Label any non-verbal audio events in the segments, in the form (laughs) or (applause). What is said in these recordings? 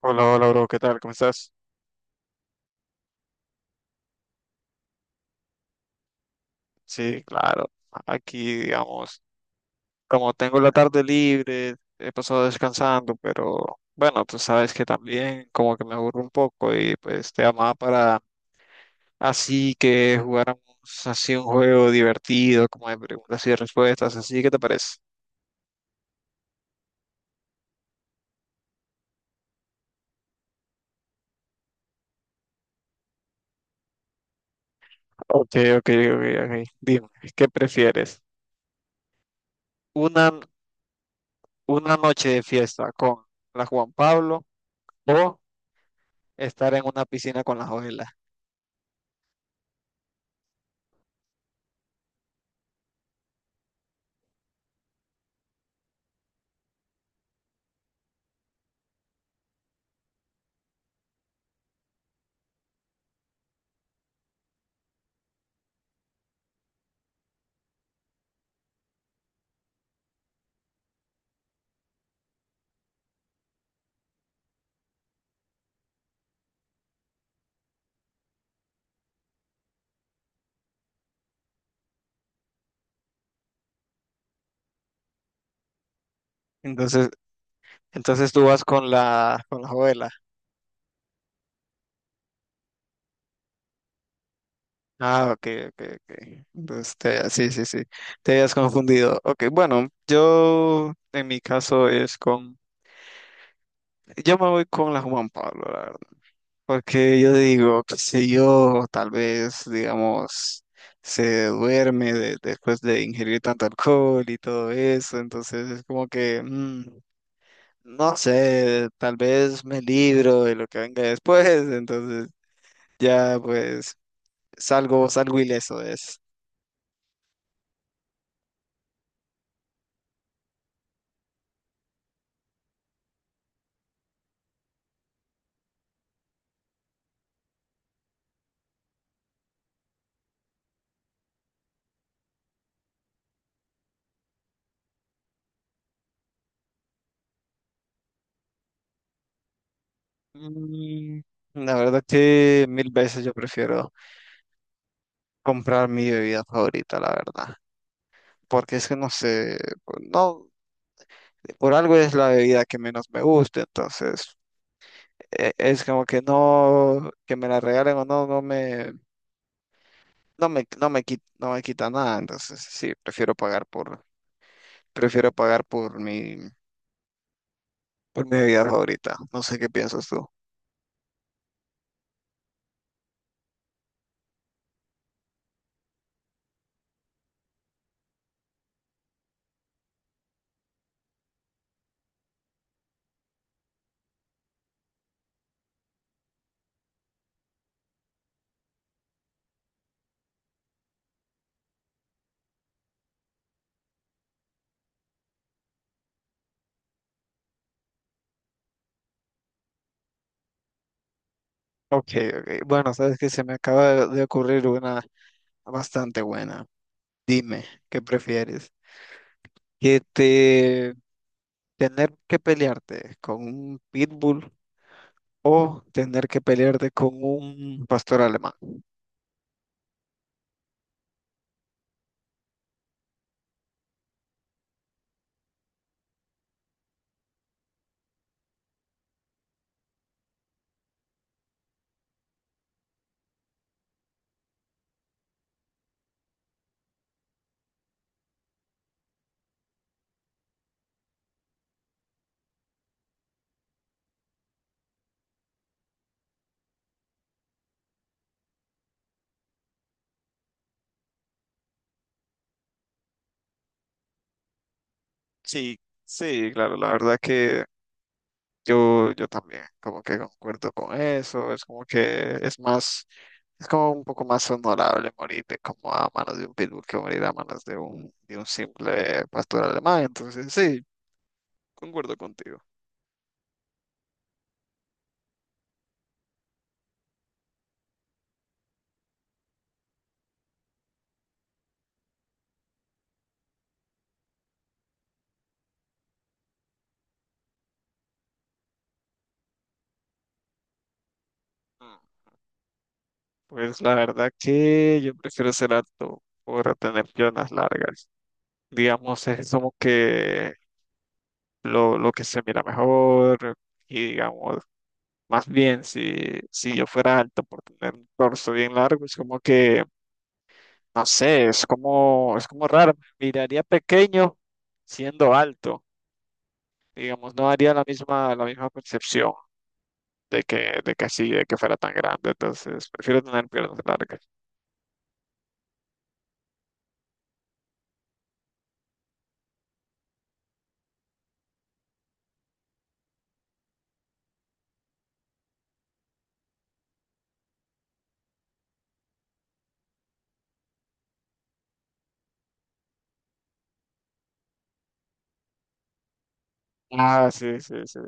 Hola, hola, bro, ¿qué tal? ¿Cómo estás? Sí, claro. Aquí, digamos, como tengo la tarde libre, he pasado descansando, pero bueno, tú sabes que también como que me aburro un poco y pues te llamaba para así que jugáramos así un juego divertido, como de preguntas y respuestas, así, ¿qué te parece? Ok, ok, ok, ok. Dime, ¿qué prefieres? ¿Una, una noche de fiesta con la Juan Pablo o estar en una piscina con las ojelas? Entonces, Entonces tú vas con la abuela. Ah, ok, ok, ok. Entonces, sí. Te habías confundido. Ok, bueno, yo en mi caso es con. Yo me voy con la Juan Pablo, la verdad. Porque yo digo, qué sé yo, tal vez, digamos, se después de ingerir tanto alcohol y todo eso. Entonces es como que, no sé, tal vez me libro de lo que venga después. (laughs) Entonces. Ya, pues salgo ileso de eso. Mm, La verdad que mil veces yo prefiero comprar mi bebida favorita, la verdad. Porque es que no sé, no, por algo es la bebida que menos me gusta, entonces es como que no, que me la regalen o no, no me quita, no me quita nada, entonces sí, prefiero pagar por mi bebida favorita. No sé qué piensas tú. Ok, ok. Bueno, sabes que se me acaba de ocurrir una bastante buena. Dime, ¿qué prefieres? ¿Que te tener que pelearte con un pitbull o tener que pelearte con un pastor alemán? Sí, sí, claro, la verdad que yo también como que concuerdo con eso, es como que es más, es como un poco más honorable morirte como a manos de un pitbull que morir a manos de un simple pastor alemán, entonces sí, concuerdo contigo. Mm. Pues la verdad que yo prefiero ser alto por tener piernas largas. Digamos, es como que lo que se mira mejor y digamos, más bien si, si yo fuera alto por tener un torso bien largo, es como que, no sé, es como raro, me miraría pequeño siendo alto. Digamos, no haría la misma percepción de que así, de que fuera tan grande. Entonces, prefiero tener piernas largas. Ah, sí, sí, sí.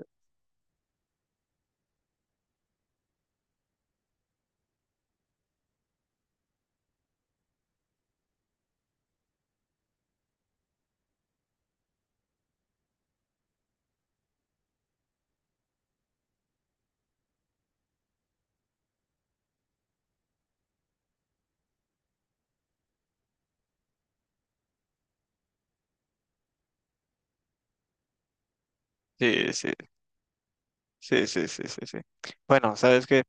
Sí, sí. Sí, sí, sí, sí, sí. Bueno, sabes que,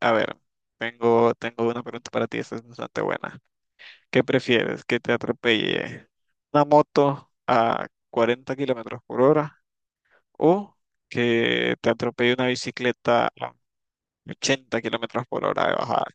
a ver, tengo, tengo una pregunta para ti, esta es bastante buena. ¿Qué prefieres? ¿Que te atropelle una moto a 40 km/h o que te atropelle una bicicleta a 80 km/h de bajada?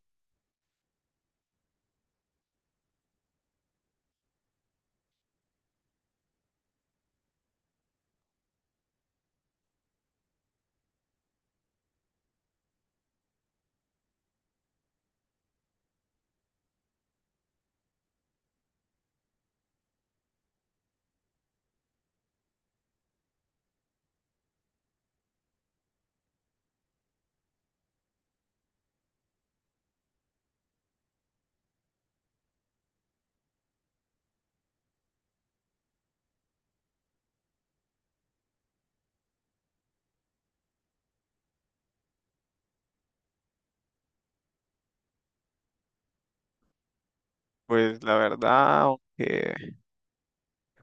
Pues la verdad, aunque,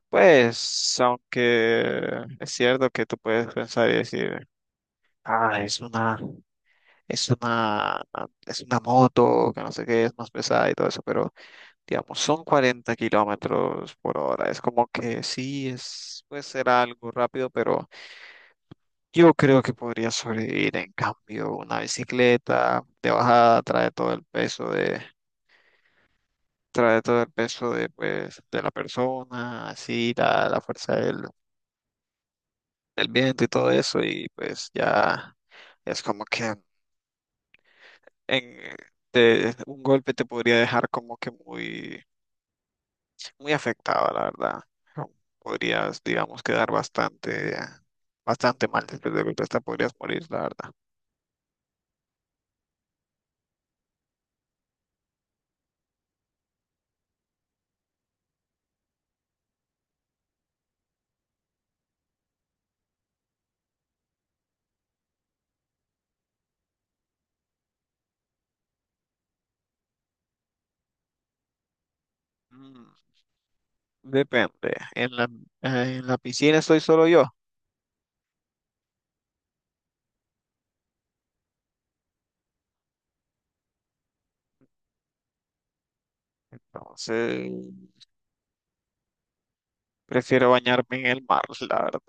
pues, aunque es cierto que tú puedes pensar y decir, ah, es una. Es una, es una moto, que no sé qué, es más pesada y todo eso, pero digamos, son 40 km/h. Es como que sí, es, puede ser algo rápido, pero yo creo que podría sobrevivir. En cambio, una bicicleta de bajada trae todo el peso de, trae todo el peso de, pues, de la persona, así, la fuerza del, del viento y todo eso, y pues ya es como que en, un golpe te podría dejar como que muy muy afectado, la verdad. Podrías, digamos, quedar bastante, bastante mal después de golpe, hasta podrías morir, la verdad. Mm, Depende. En la piscina estoy solo yo, entonces prefiero bañarme en el mar, (laughs) la verdad.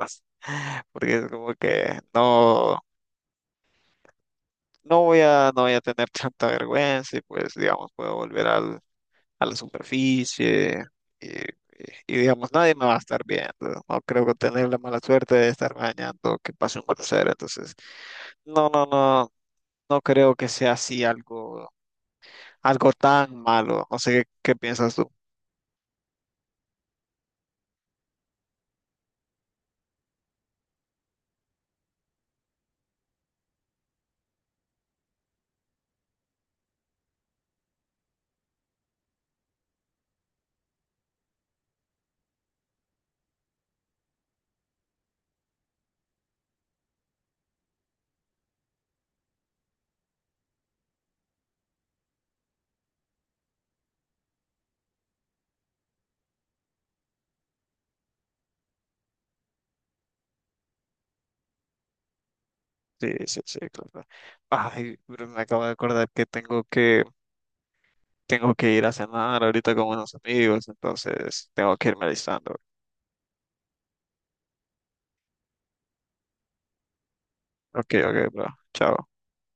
Porque es como que no, no voy a tener (laughs) tanta vergüenza y pues, digamos, puedo volver al a la superficie y, y- y, digamos, nadie me va a estar viendo. No creo que tener la mala suerte de estar bañando, que pase un crucero. Entonces, no, no, no, no creo que sea así algo, algo tan malo. No sé qué, qué piensas tú. Sí, sí, sí, claro. Ay, pero me acabo de acordar que tengo que, tengo que ir a cenar ahorita con unos amigos, entonces tengo que irme alistando. Ok, ok, bro. Chao.